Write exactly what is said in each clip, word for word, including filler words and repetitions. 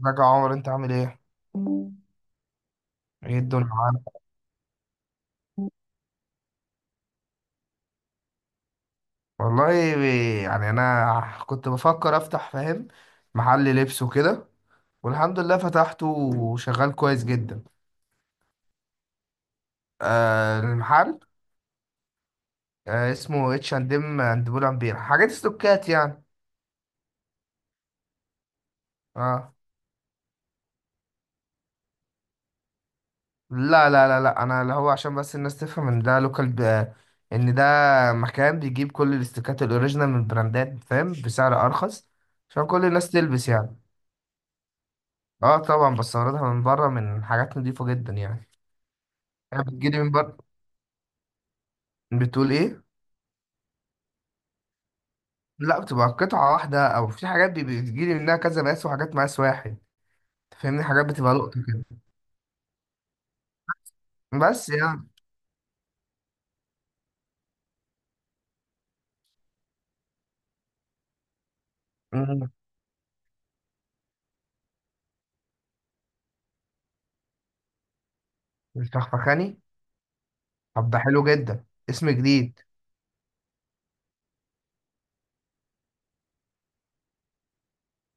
ازيك يا عمر انت عامل ايه؟ ايه الدنيا معاك؟ والله، يعني انا كنت بفكر افتح، فاهم، محل لبس وكده. والحمد لله فتحته وشغال كويس جدا. آه، المحل. آه، اسمه اتش اند ام اند بول امبير، حاجات استوكات يعني. اه. لا لا لا لا، انا اللي هو عشان بس الناس تفهم ان ده لوكال ب... ان ده مكان بيجيب كل الاستوكات الاوريجينال من البراندات، فاهم، بسعر ارخص، عشان كل الناس تلبس يعني. اه طبعا بستوردها من بره، من حاجات نضيفة جدا يعني. انا بتجيلي من بره. بتقول ايه؟ لا، بتبقى قطعة واحدة، او في حاجات بي- بتجيلي منها كذا مقاس، وحاجات مقاس واحد. تفهمني، حاجات بتبقى لقطة كده. بس يعني. مم. الفخفخاني. طب ده حلو جدا، اسم جديد.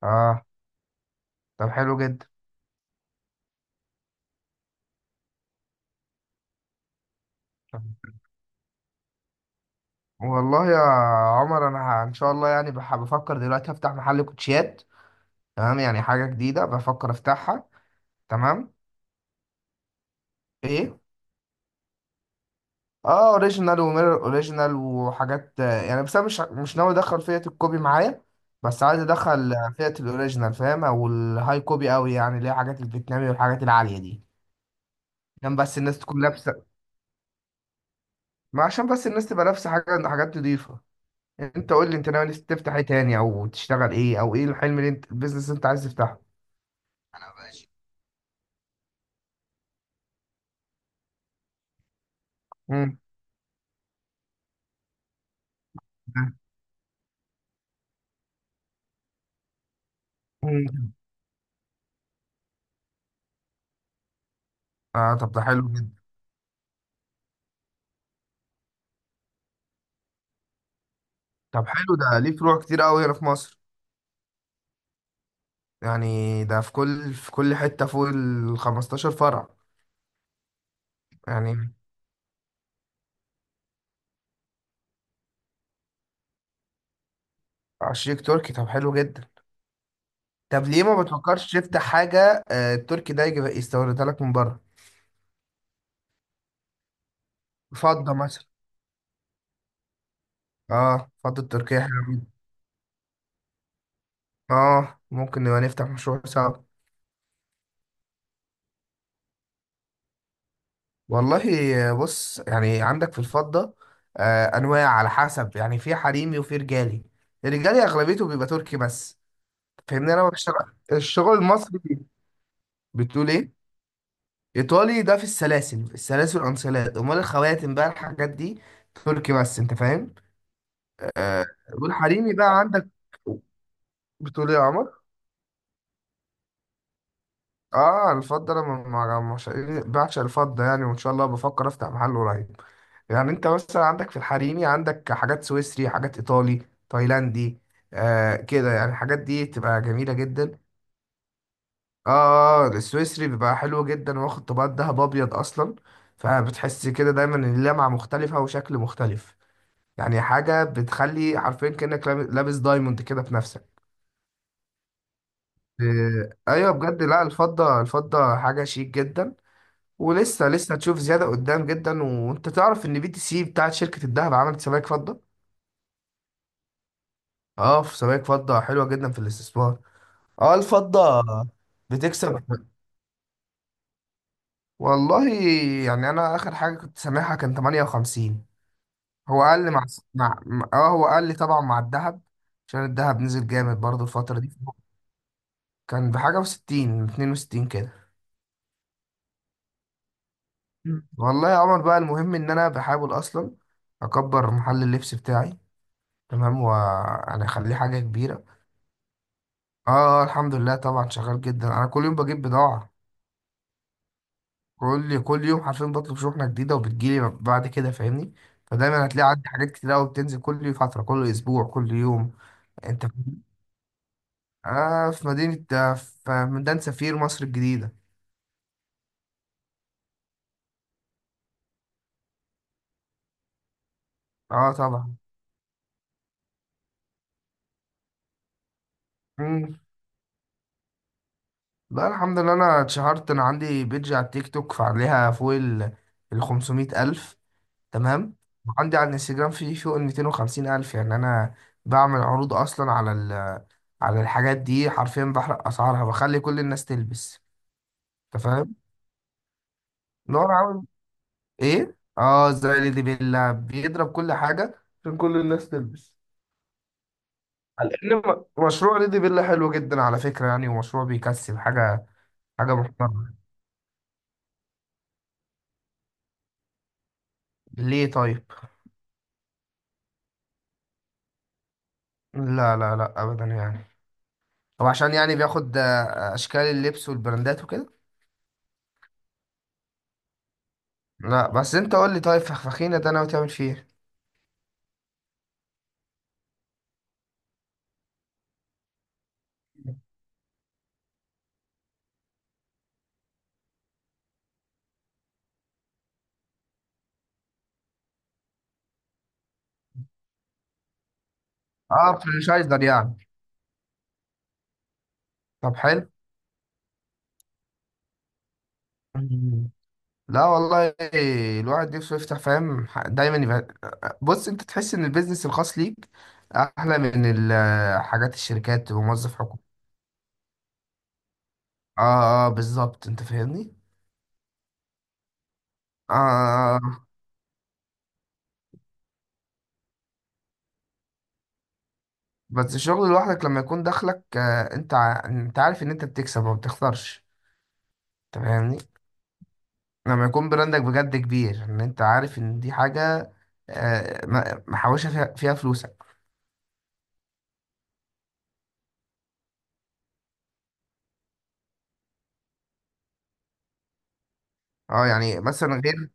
اه. طب حلو جدا. طب والله يا عمر انا ه- ان شاء الله يعني بح- بفكر دلوقتي افتح محل كوتشيات. تمام، يعني حاجة جديدة بفكر افتحها. تمام. ايه. اه، اوريجينال وميرور اوريجينال، وحاجات آه، يعني، بس انا مش مش ناوي ادخل فئة الكوبي معايا. بس عايز ادخل آه، فئة الاوريجينال، فاهم، او الهاي كوبي قوي يعني، اللي هي حاجات الفيتنامي والحاجات العالية دي. عشان بس الناس تكون لابسة. ما عشان بس الناس تبقى لابسة حاجة، حاجات نضيفة. انت قول لي انت ناوي تفتح ايه تاني، او تشتغل ايه، او ايه الحلم اللي انت، البيزنس اللي انت عايز تفتحه. انا ماشي. مم. مم. اه طب ده حلو جدا. طب حلو، ده ليه فروع كتير قوي هنا في مصر؟ يعني ده في كل في كل حتة فوق ال خمستاشر فرع يعني. شريك تركي، طب حلو جدا. طب ليه ما بتفكرش تفتح حاجة، آه، التركي ده يجي يستوردها لك من بره. فضة مثلا. اه فضة تركية حلوة جدا. اه ممكن نبقى نفتح مشروع سوا. والله، آه، بص يعني عندك في الفضة، آه أنواع على حسب يعني، في حريمي وفي رجالي. الرجالي أغلبيته بيبقى تركي بس. فاهمني، أنا بشتغل الشغل المصري. بتقول إيه؟ ايطالي ده في السلاسل، السلاسل والانسلات، امال الخواتم بقى الحاجات دي تركي بس، انت فاهم. والحريمي بقى عندك. بتقول ايه يا عمر؟ اه الفضه، انا ما ما- ما- مش- بعشق الفضه يعني، وان شاء الله بفكر افتح محل قريب. يعني انت مثلا عندك في الحريمي، عندك حاجات سويسري، حاجات ايطالي، تايلاندي، آه كده يعني. الحاجات دي تبقى جميله جدا. اه السويسري بيبقى حلو جدا، واخد طبقات دهب ابيض اصلا، فبتحس كده دايما ان اللمعه مختلفه وشكل مختلف. يعني حاجة بتخلي حرفيا كأنك لاب- لابس دايموند كده في نفسك. آه، ايوه بجد، لا الفضة، الفضة حاجة شيك جدا. ولسه لسه هتشوف زيادة قدام جدا. وانت تعرف ان بي تي سي بتاعت شركة الذهب عملت سبائك فضة. اه في سبائك فضة حلوة جدا في الاستثمار. اه الفضة بتكسب. والله يعني انا اخر حاجة كنت سامعها كان تمانية وخمسين. هو اقل مع، مع مع- اه هو اقل طبعا مع الذهب، عشان الذهب نزل جامد برضه الفترة دي. كان بحاجة وستين، اتنين وستين كده. مم. والله يا عمر بقى، المهم ان انا بحاول اصلا اكبر محل اللبس بتاعي، تمام، وانا اخليه حاجه كبيره. اه الحمد لله، طبعا شغال جدا. انا كل يوم بجيب بضاعه. كل كل يوم حرفيا بطلب شحنه جديده، وبتجيلي بعد كده، فاهمني. فدايما هتلاقي عندي حاجات كتير قوي بتنزل كل فتره، كل اسبوع، كل يوم. انت فاهم؟ اه في مدينه، آه، في ميدان سفير، مصر الجديده. اه طبعا. مم. لا الحمد لله، انا اتشهرت. انا عندي بيدج على التيك توك فعليها فوق ال ال خمسمائة ألف. تمام. وعندي على الانستجرام في فوق ال ميتين وخمسين الف. يعني انا بعمل عروض اصلا على ال على الحاجات دي، حرفيا بحرق اسعارها، بخلي كل الناس تلبس، انت فاهم. نور عامل ايه، اه زي ليدي بيلا بيضرب كل حاجه عشان كل الناس تلبس. على ان م- مشروع ليدي بيلا حلو جدا على فكره يعني، ومشروع بيكسب حاجه، حاجه محترمه. ليه طيب؟ لا لا لا ابدا يعني. هو عشان يعني بياخد آه، اشكال اللبس والبراندات وكده. لا بس انت قول لي طيب، فخفخينة ده ناوي تعمل فيه ايه؟ اه فرنشايزر يعني. طب حلو. مم. لا والله، الواحد نفسه يفتح، فاهم، دايما يبقى. بص، انت تحس ان البيزنس الخاص ليك احلى من ال- حاجات الشركات تبقى موظف حكومي. اه اه بالظبط، انت فاهمني. اه. آه. آه. بس الشغل لوحدك لما يكون دخلك، آه انت ع- انت عارف ان انت بتكسب وما بتخسرش، انت فاهمني. لما يكون براندك بجد كبير، ان انت عارف ان دي حاجة، آه، م- محوشة فيها, فيها فلوسك. اه يعني مثلا غير،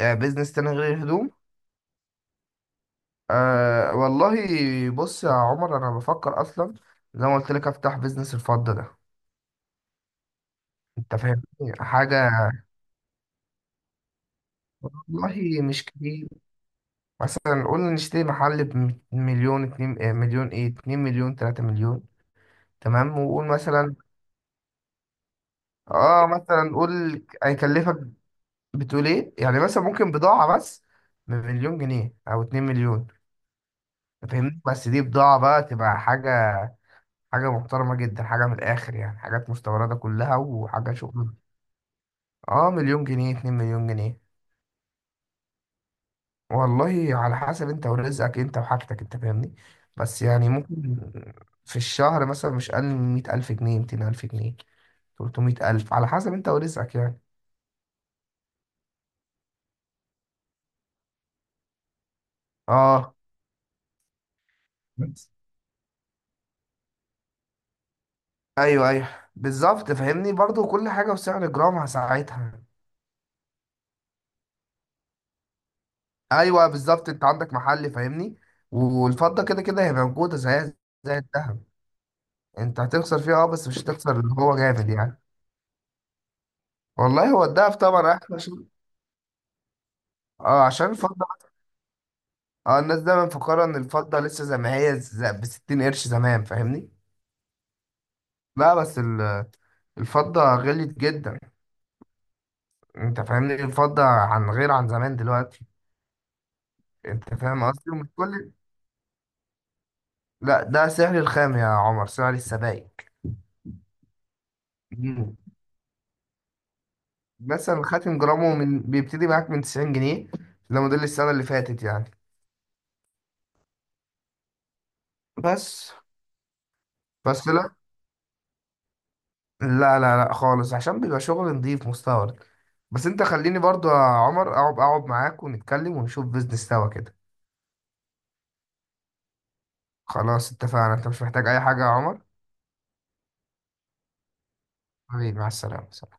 آه، بيزنس تاني غير الهدوم. أه والله، بص يا عمر انا بفكر اصلا زي ما قلت لك افتح بيزنس الفضة ده، انت فاهم، حاجة. والله مش كتير. مثلا قول نشتري محل بمليون، اتنين، آه، مليون، ايه، اتنين مليون، تلاتة مليون، تمام. وقول مثلا، اه مثلا قول هيكلفك، بتقول ايه يعني، مثلا ممكن بضاعة بس بمليون جنيه او اتنين مليون، فاهمني. بس دي بضاعة بقى، تبقى حاجة، حاجة محترمة جدا، حاجة من الاخر يعني، حاجات مستوردة كلها وحاجة شغل. اه مليون جنيه، اتنين مليون جنيه. والله على حسب انت ورزقك، انت وحاجتك، انت فاهمني. بس يعني ممكن في الشهر مثلا مش اقل من مية الف جنيه، ميتين الف جنيه، تلتمية الف، على حسب انت ورزقك يعني. اه بس. ايوه ايوه بالظبط، فاهمني، برضو كل حاجة وسعر جرامها ساعتها. ايوه بالظبط، انت عندك محل، فاهمني. والفضه كده كده هي موجوده زيها زي الذهب. انت هتخسر فيها، اه بس مش هتخسر اللي هو جامد يعني. والله، هو الذهب طبعا احلى، عشان، اه عشان الفضه، اه الناس دايما مفكره ان الفضه لسه زي ما هي، ز- ب ستين قرش زمان، فاهمني. لا بس ال- الفضه غليت جدا، انت فاهمني. الفضه عن غير عن زمان دلوقتي. انت فاهم قصدي، مش كل. لا ده سعر الخام يا عمر، سعر السبائك. مثلا خاتم جرامه من بيبتدي معاك من تسعين جنيه، ده موديل السنة اللي فاتت يعني. بس. بس لا لا لا لا خالص، عشان بيبقى شغل نضيف مستورد. بس انت خليني برضو يا عمر اقعد، اقعد معاك ونتكلم، ونشوف بيزنس سوا كده. خلاص اتفقنا، انت مش محتاج اي حاجة يا عمر؟ حبيبي، مع السلامة.